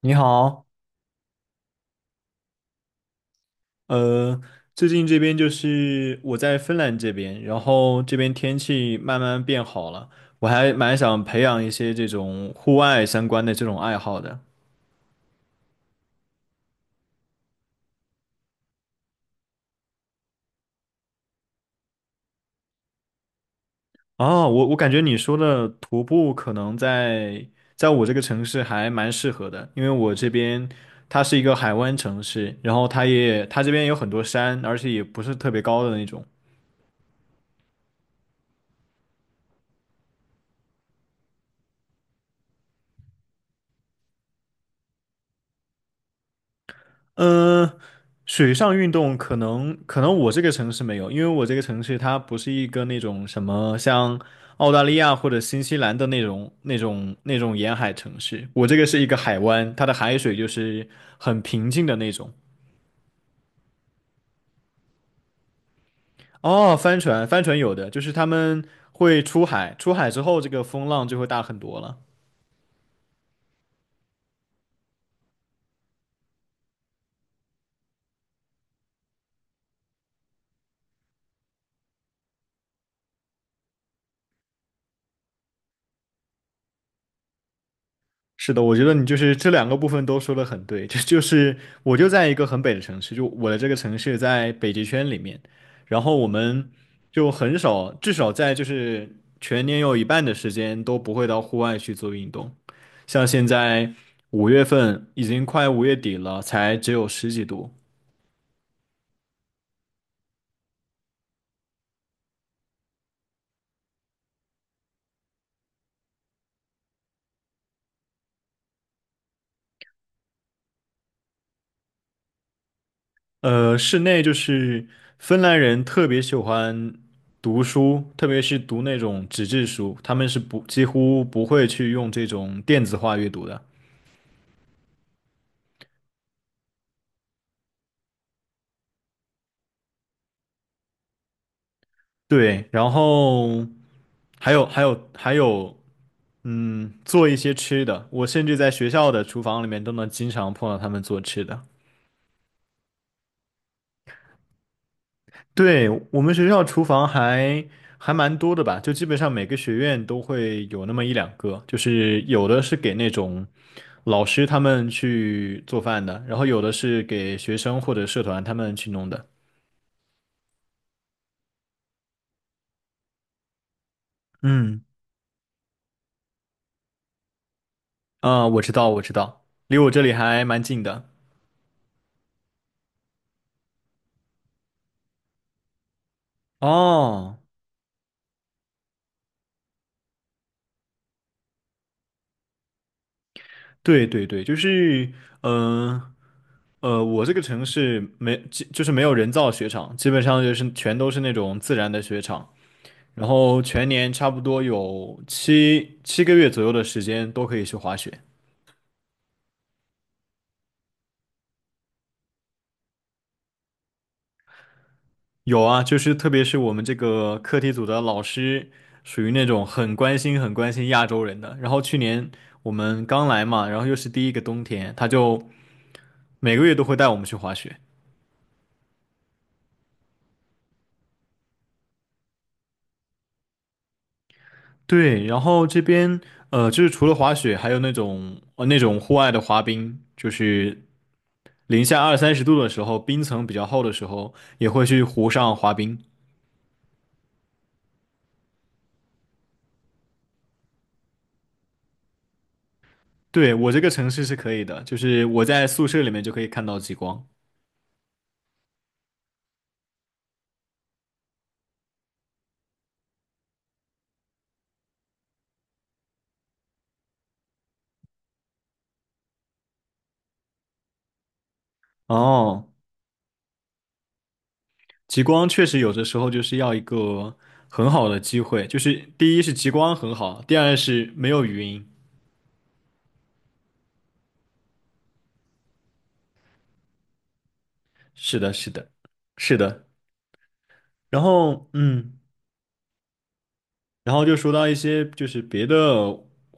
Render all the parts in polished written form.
你好，呃，最近这边就是我在芬兰这边，然后这边天气慢慢变好了，我还蛮想培养一些这种户外相关的这种爱好的。哦，我感觉你说的徒步可能在我这个城市还蛮适合的，因为我这边它是一个海湾城市，然后它也它这边有很多山，而且也不是特别高的那种。嗯，水上运动可能我这个城市没有，因为我这个城市它不是一个那种什么像澳大利亚或者新西兰的那种沿海城市，我这个是一个海湾，它的海水就是很平静的那种。哦，帆船，帆船有的，就是他们会出海，出海之后这个风浪就会大很多了。是的，我觉得你就是这两个部分都说的很对，这就是我就在一个很北的城市，就我的这个城市在北极圈里面，然后我们就很少，至少在就是全年有一半的时间都不会到户外去做运动，像现在5月份已经快5月底了，才只有十几度。室内就是芬兰人特别喜欢读书，特别是读那种纸质书，他们是不几乎不会去用这种电子化阅读的。对，然后还有,嗯，做一些吃的，我甚至在学校的厨房里面都能经常碰到他们做吃的。对，我们学校厨房还蛮多的吧，就基本上每个学院都会有那么1两个，就是有的是给那种老师他们去做饭的，然后有的是给学生或者社团他们去弄的。嗯，啊，我知道，我知道，离我这里还蛮近的。哦。对对对，就是，嗯，我这个城市没，基就是没有人造雪场，基本上就是全都是那种自然的雪场，然后全年差不多有七个月左右的时间都可以去滑雪。有啊，就是特别是我们这个课题组的老师，属于那种很关心亚洲人的。然后去年我们刚来嘛，然后又是第一个冬天，他就每个月都会带我们去滑雪。对，然后这边就是除了滑雪，还有那种那种户外的滑冰，就是零下2、30度的时候，冰层比较厚的时候，也会去湖上滑冰。对，我这个城市是可以的，就是我在宿舍里面就可以看到极光。哦，极光确实有的时候就是要一个很好的机会，就是第一是极光很好，第二是没有云。是的，是的，是的。然后，嗯。然后就说到一些就是别的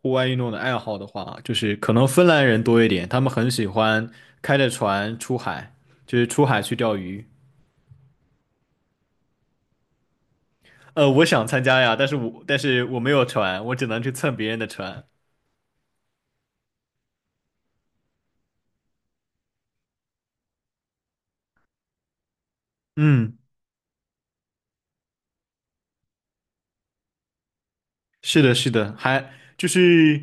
户外运动的爱好的话，就是可能芬兰人多一点，他们很喜欢开着船出海，就是出海去钓鱼。我想参加呀，但是我没有船，我只能去蹭别人的船。嗯。是的，是的，还就是，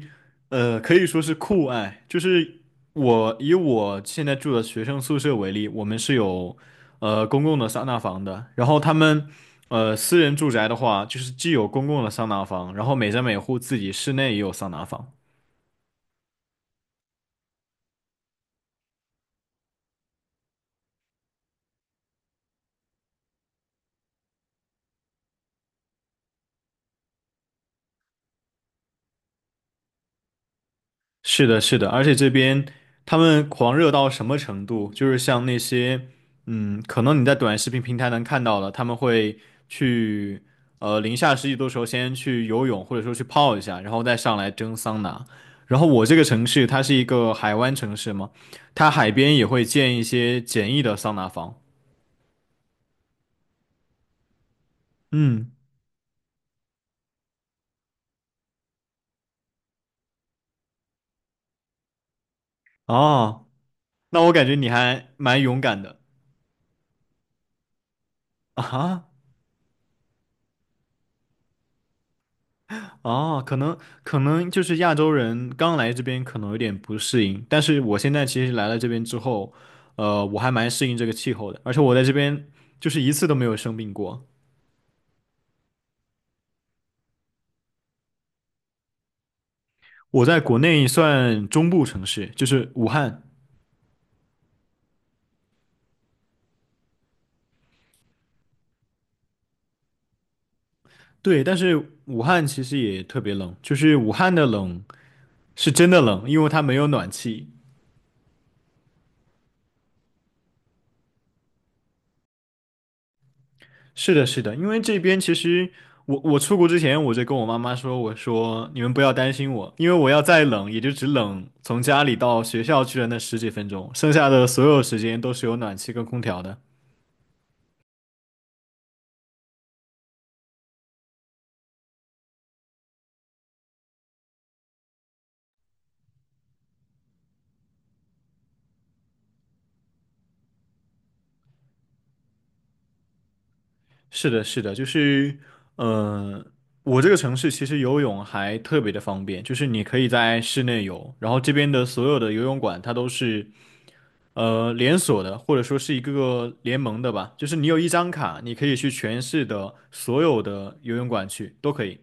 可以说是酷爱。就是我以我现在住的学生宿舍为例，我们是有公共的桑拿房的。然后他们私人住宅的话，就是既有公共的桑拿房，然后每家每户自己室内也有桑拿房。是的，是的，而且这边他们狂热到什么程度？就是像那些，嗯，可能你在短视频平台能看到的，他们会去，零下10几度的时候先去游泳，或者说去泡一下，然后再上来蒸桑拿。然后我这个城市它是一个海湾城市嘛，它海边也会建一些简易的桑拿房。嗯，哦，那我感觉你还蛮勇敢的。啊哈。哦，可能就是亚洲人刚来这边可能有点不适应，但是我现在其实来了这边之后，我还蛮适应这个气候的，而且我在这边就是一次都没有生病过。我在国内算中部城市，就是武汉，对，但是武汉其实也特别冷，就是武汉的冷是真的冷，因为它没有暖气，是的，是的，因为这边其实我出国之前我就跟我妈妈说，我说你们不要担心我，因为我要再冷也就只冷从家里到学校去的那10几分钟，剩下的所有时间都是有暖气跟空调的。是的，是的，就是，呃，我这个城市其实游泳还特别的方便，就是你可以在室内游，然后这边的所有的游泳馆它都是连锁的，或者说是一个个联盟的吧，就是你有一张卡，你可以去全市的所有的游泳馆去，都可以。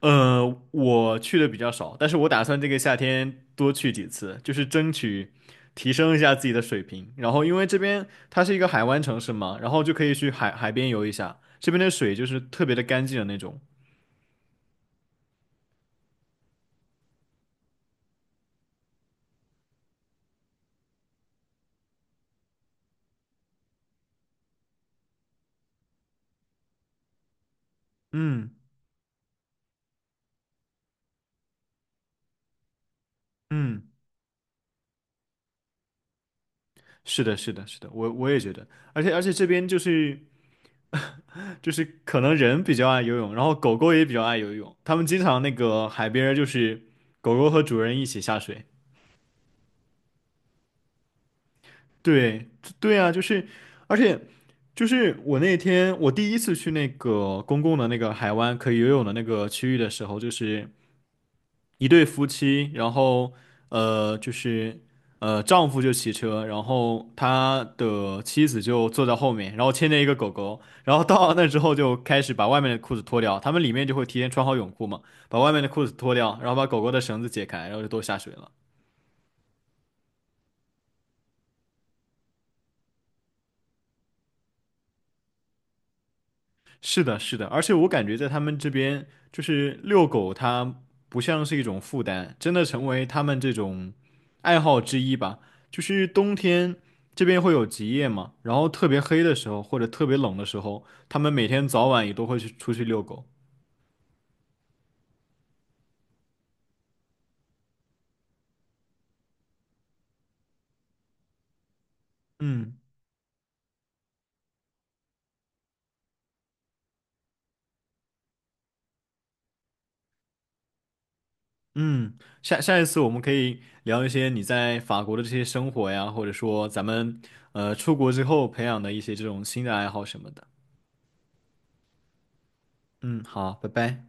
呃，我去的比较少，但是我打算这个夏天多去几次，就是争取提升一下自己的水平。然后因为这边它是一个海湾城市嘛，然后就可以去海边游一下，这边的水就是特别的干净的那种。嗯，嗯，是的，是的，是的，我也觉得，而且这边就是。就是可能人比较爱游泳，然后狗狗也比较爱游泳，他们经常那个海边儿就是狗狗和主人一起下水。对，对啊，就是，而且就是我那天我第一次去那个公共的那个海湾可以游泳的那个区域的时候，就是。一对夫妻，然后就是丈夫就骑车，然后他的妻子就坐在后面，然后牵着一个狗狗，然后到了那之后就开始把外面的裤子脱掉，他们里面就会提前穿好泳裤嘛，把外面的裤子脱掉，然后把狗狗的绳子解开，然后就都下水了。是的，是的，而且我感觉在他们这边，就是遛狗，它不像是一种负担，真的成为他们这种爱好之一吧。就是冬天这边会有极夜嘛，然后特别黑的时候或者特别冷的时候，他们每天早晚也都会去出去遛狗。嗯，嗯，下一次我们可以聊一些你在法国的这些生活呀，或者说咱们出国之后培养的一些这种新的爱好什么的。嗯，好，拜拜。